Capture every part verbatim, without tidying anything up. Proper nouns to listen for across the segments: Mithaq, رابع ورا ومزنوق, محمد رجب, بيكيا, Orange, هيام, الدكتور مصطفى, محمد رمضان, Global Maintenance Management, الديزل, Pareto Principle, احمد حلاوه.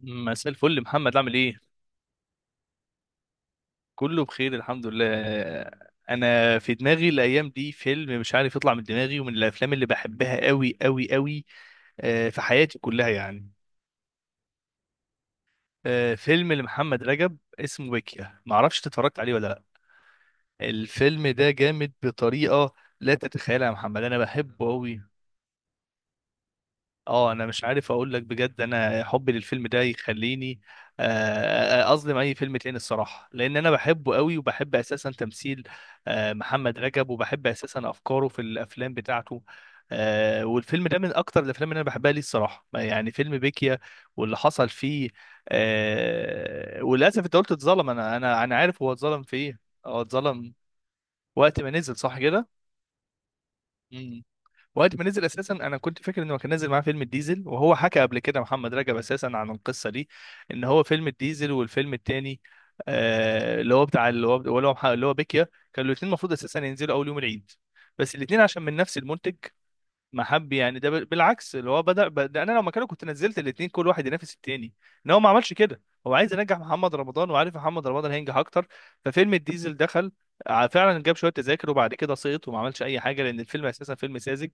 مساء الفل محمد، عامل ايه؟ كله بخير، الحمد لله. انا في دماغي الايام دي فيلم مش عارف يطلع من دماغي، ومن الافلام اللي بحبها قوي قوي قوي. آه، في حياتي كلها يعني. آه، فيلم لمحمد رجب اسمه بيكيا، معرفش إنت اتفرجت عليه ولا لا. الفيلم ده جامد بطريقة لا تتخيلها يا محمد، انا بحبه قوي. اه، انا مش عارف اقول لك بجد، انا حبي للفيلم ده يخليني آه، آه، اظلم اي فيلم تاني الصراحه، لان انا بحبه قوي، وبحب اساسا تمثيل آه، محمد رجب، وبحب اساسا افكاره في الافلام بتاعته. آه، والفيلم ده من اكتر الافلام اللي انا بحبها ليه الصراحه، يعني فيلم بيكيا واللي حصل فيه. آه، وللاسف انت قلت اتظلم، انا انا انا عارف هو اتظلم في ايه. هو اتظلم وقت ما نزل، صح كده. وقت ما نزل اساسا انا كنت فاكر انه كان نازل معاه فيلم الديزل، وهو حكى قبل كده محمد رجب اساسا عن القصه دي، ان هو فيلم الديزل والفيلم التاني، آه اللي هو بتاع اللي هو اللي هو مح- اللي هو بيكيا، كانوا الاثنين المفروض اساسا ينزلوا اول يوم العيد، بس الاثنين عشان من نفس المنتج ما حب. يعني ده بال- بالعكس، اللي هو بدأ, بدأ. انا لو مكانه كنت نزلت الاثنين، كل واحد ينافس التاني. ان هو ما عملش كده، هو عايز ينجح محمد رمضان، وعارف محمد رمضان هينجح اكتر. ففيلم الديزل دخل ع- فعلا، جاب شويه تذاكر، وبعد كده سقط وما عملش اي حاجه، لان الفيلم اساسا فيلم ساذج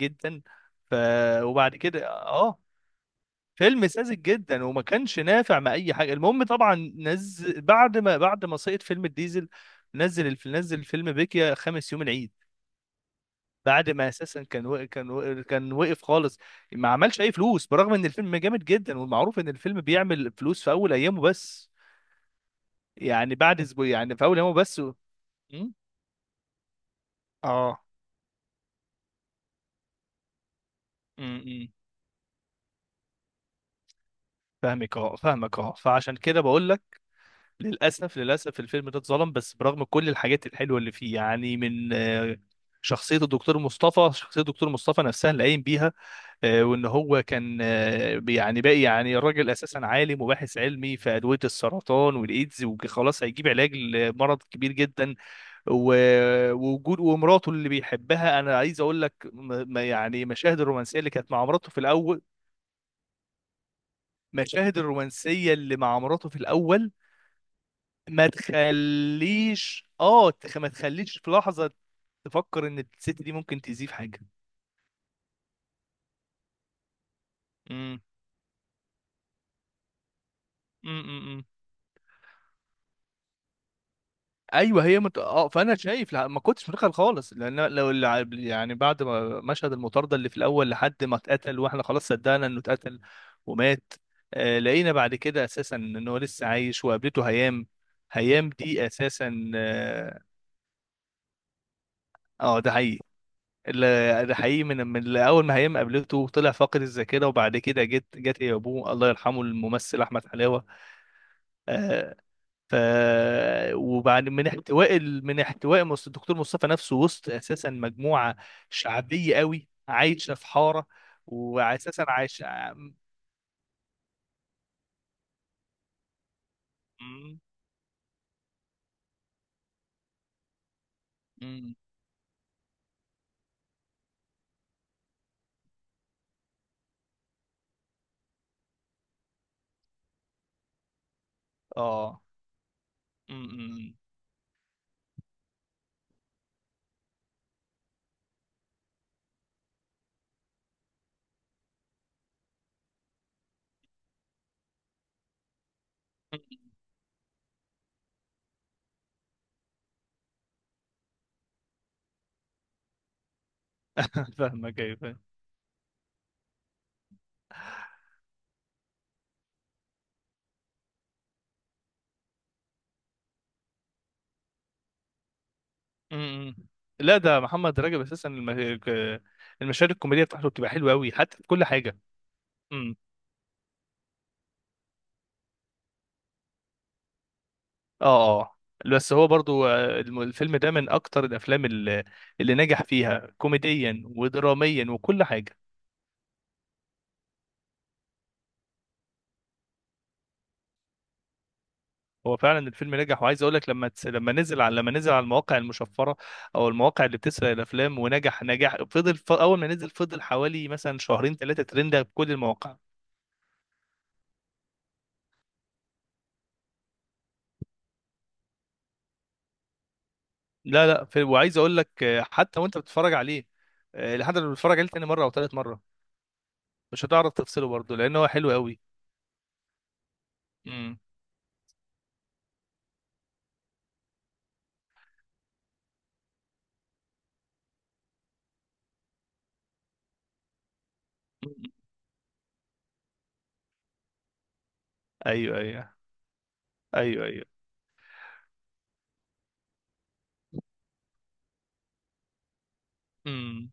جدا. ف وبعد كده اه فيلم ساذج جدا وما كانش نافع مع اي حاجه. المهم طبعا نزل بعد ما بعد ما سقط فيلم الديزل. نزل الف... نزل فيلم بيكيا خامس يوم العيد، بعد ما اساسا كان و... كان و... كان وقف خالص. ما عملش اي فلوس، برغم ان الفيلم جامد جدا، والمعروف ان الفيلم بيعمل فلوس في اول ايامه بس، يعني بعد اسبوع. يعني في اول ايامه بس و... م؟ اه. م- م. فاهمك اه، فاهمك اه، فعشان كده بقول لك. للأسف للأسف، الفيلم ده اتظلم، بس برغم كل الحاجات الحلوة اللي فيه، يعني من آه، شخصية الدكتور مصطفى شخصية الدكتور مصطفى نفسها اللي قايم بيها، آه، وإن هو كان، آه، يعني باقي، يعني الراجل أساسا عالم وباحث علمي في أدوية السرطان والإيدز، وخلاص هيجيب علاج لمرض كبير جدا. و- ووجود ومراته اللي بيحبها، أنا عايز أقول لك، م- ما- يعني مشاهد الرومانسية اللي كانت مع مراته في الأول. مشاهد الرومانسية اللي مع مراته في الأول ما تخليش، اه تخ- ما تخليش في لحظة تفكر ان الست دي ممكن تأذيه في حاجة. امم. امم. ايوه، هي مت... اه فانا شايف لا، ما كنتش متخيل خالص، لان لو الع- يعني بعد ما مشهد المطارده اللي في الاول لحد ما اتقتل، واحنا خلاص صدقنا انه اتقتل ومات. آه، لقينا بعد كده اساسا ان هو لسه عايش، وقابلته هيام. هيام دي اساسا، اه، آه، ده حقيقي. ال- ده حقيقي، من من اول ما هيم قابلته طلع فاقد الذاكره، وبعد كده جت جت هي ابوه، الله يرحمه، الممثل احمد حلاوه. آه. ف. وبعد من احتواء ال- من احتواء مص- الدكتور مصطفى نفسه، وسط اساسا مجموعه شعبيه قوي عايشه في حاره، واساسا عايشه. م- م- اه م- م- م. فاهمك، ايوه فاهم. م- م. لا، ده محمد رجب اساسا الم- المشاهد الكوميديه بتاعته بتبقى حلوه قوي حتى في كل حاجه. اه اه. بس هو برضو، آه، الم- الفيلم ده من اكتر الافلام اللي, اللي نجح فيها كوميديا ودراميا وكل حاجه. هو فعلا الفيلم نجح، وعايز اقول لك، لما تس... لما نزل على لما نزل على المواقع المشفره، او المواقع اللي بتسرق الافلام، ونجح نجاح، فضل ف... اول ما نزل فضل حوالي مثلا شهرين ثلاثه ترند في كل المواقع. لا لا في... وعايز اقول لك، آه، حتى وانت بتتفرج عليه، آه، لحد ما بتتفرج عليه تاني مره او ثالث مره، مش هتعرف تفصله برضو، لان هو حلو قوي. امم. ايوه ايوه، ايوه ايوه. مم.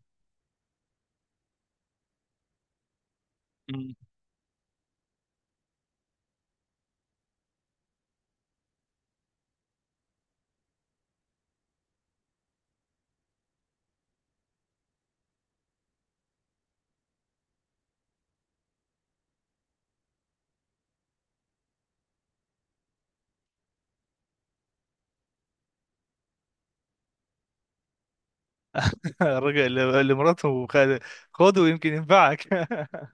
مم. الراجل اللي اللي مراته خد- خده، يمكن ينفعك.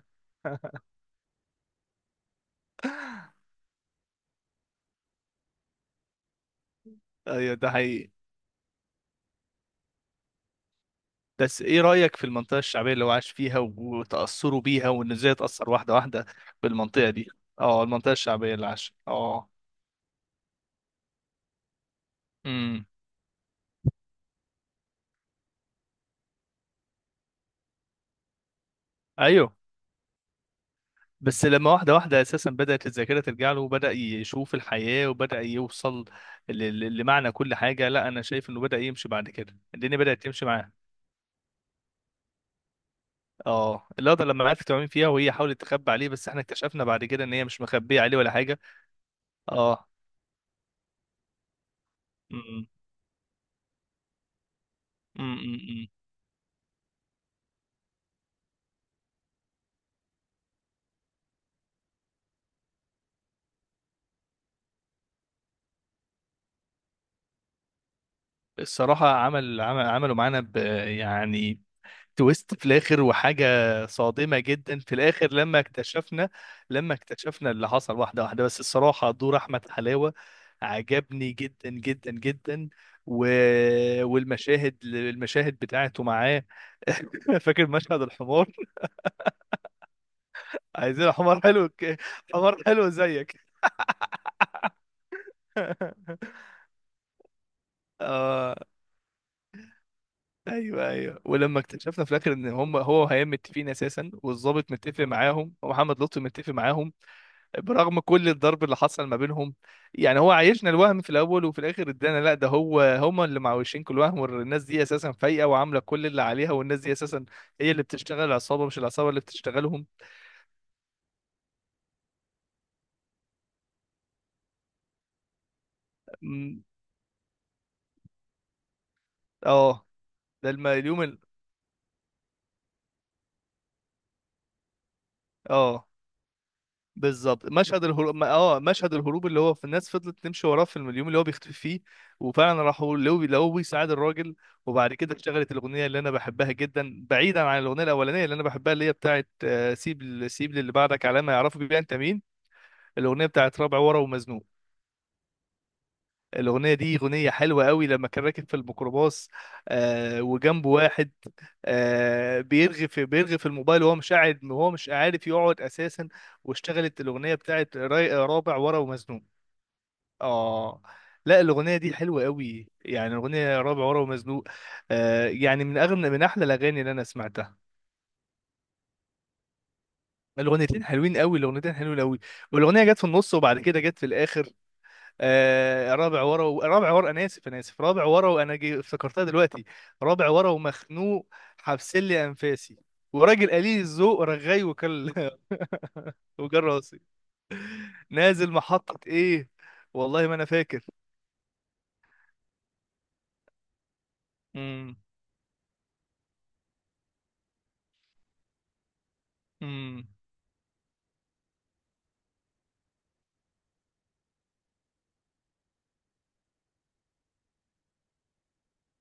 ايوه، ده حقيقي. بس ايه رأيك في المنطقة الشعبية اللي هو عاش فيها وتأثره بيها، وان ازاي اتأثر واحدة واحدة بالمنطقة دي؟ اه، المنطقة الشعبية اللي عاش. اه. امم. ايوه، بس لما واحدة واحدة اساسا بدأت الذاكرة ترجع له، وبدأ يشوف الحياة، وبدأ يوصل ل- ل- لمعنى كل حاجة. لا، انا شايف انه بدأ يمشي بعد كده، الدنيا بدأت تمشي معاه. اه، اللقطه لما عرفت تعمل فيها، وهي حاولت تخبي عليه، بس احنا اكتشفنا بعد كده ان هي مش مخبيه عليه ولا حاجه. اه. امم. امم. الصراحه عمل عمل عملوا معانا ب، يعني، تويست في الاخر، وحاجه صادمه جدا في الاخر لما اكتشفنا. لما اكتشفنا اللي حصل واحده واحده، بس الصراحه دور احمد حلاوه عجبني جدا جدا جدا. و... والمشاهد، المشاهد بتاعته معاه. فاكر مشهد الحمار، عايزين حمار حلو ك- حمار حلو زيك. اه ايوه ايوه، ولما اكتشفنا في الاخر ان هم هو وهيام متفقين اساسا، والضابط متفق معاهم، ومحمد لطفي متفق معاهم، برغم كل الضرب اللي حصل ما بينهم. يعني هو عايشنا الوهم في الاول، وفي الاخر ادانا لا، ده هو هم اللي معوشين كل وهم، والناس دي اساسا فايقه وعامله كل اللي عليها، والناس دي اساسا هي اللي بتشتغل العصابه، مش العصابه اللي بتشتغلهم. أمم. اه، ده الم- اليوم ال- اه بالظبط مشهد الهروب، ما- اه مشهد الهروب اللي هو في الناس فضلت تمشي وراه، في اليوم اللي هو بيختفي فيه. وفعلا راحوا لقوه لقوه بيساعد الراجل، وبعد كده اشتغلت الاغنيه اللي انا بحبها جدا، بعيدا عن الاغنيه الاولانيه اللي انا بحبها، اللي هي بتاعت، آه، سيب ال- سيب للي بعدك علامه يعرفوا بيها انت مين. الاغنيه بتاعت رابع ورا ومزنوق. الاغنيه دي اغنيه حلوه قوي، لما كان راكب في الميكروباص، آه، وجنبه واحد، آه، بيرغي في بيرغي في الموبايل، وهو مش قاعد، وهو مش عارف يقعد اساسا. واشتغلت الاغنيه بتاعت راي- رابع ورا ومزنوق. اه، لا، الاغنيه دي حلوه قوي، يعني الاغنيه رابع ورا ومزنوق. آه، يعني من اغنى، من احلى الاغاني اللي انا سمعتها. الاغنيتين حلوين قوي، الاغنيتين حلوين قوي. والاغنيه جت في النص وبعد كده جت في الاخر. آه، رابع ورا و... رابع ورا، انا اسف انا اسف، رابع ورا، وانا جي... افتكرتها دلوقتي. رابع ورا ومخنوق، حبس لي انفاسي، وراجل قليل الذوق رغاي وكل. وجال راسي نازل محطه ايه، والله ما انا فاكر. امم. امم.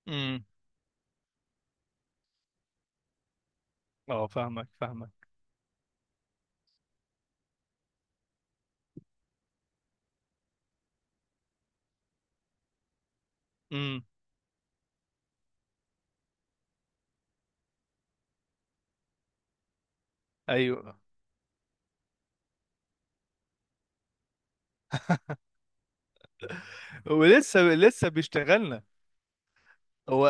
امم. اه، فاهمك فاهمك. امم. ايوه. ولسه لسه بيشتغلنا، هو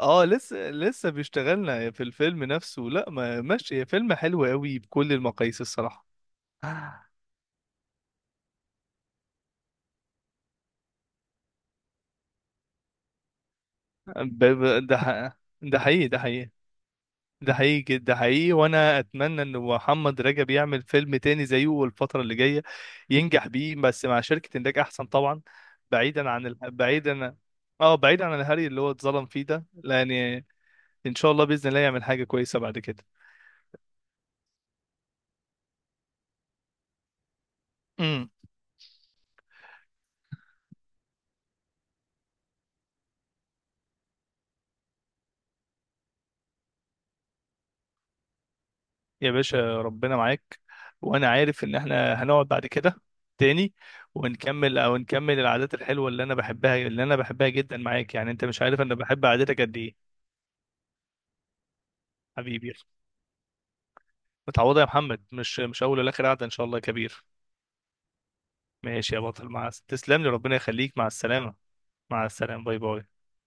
اه، لسه لسه بيشتغلنا في الفيلم نفسه. لا ما، ماشي، فيلم حلو قوي بكل المقاييس الصراحه. ب... ب... ده ح... ده حقيقي، ده حقيقي. ده حقيقي جد- ده حقيقي. وانا اتمنى ان محمد رجب يعمل فيلم تاني زيه الفتره اللي جايه، ينجح بيه، بس مع شركه انتاج احسن طبعا، بعيدا عن ال... بعيدا، اه، بعيدا عن الهري اللي هو اتظلم فيه ده، لان ان شاء الله، باذن الله يعمل حاجه كويسه بعد كده. يا باشا، ربنا معاك. وانا عارف ان احنا هنقعد بعد كده تاني، ونكمل، او نكمل العادات الحلوه اللي انا بحبها، اللي انا بحبها جدا معاك، يعني انت مش عارف انا بحب عادتك قد ايه. حبيبي، متعوضه يا محمد، مش مش اول ولا اخر قعده ان شاء الله يا كبير. ماشي يا بطل، مع تسلم لي، ربنا يخليك، مع السلامه. مع السلامه، باي باي.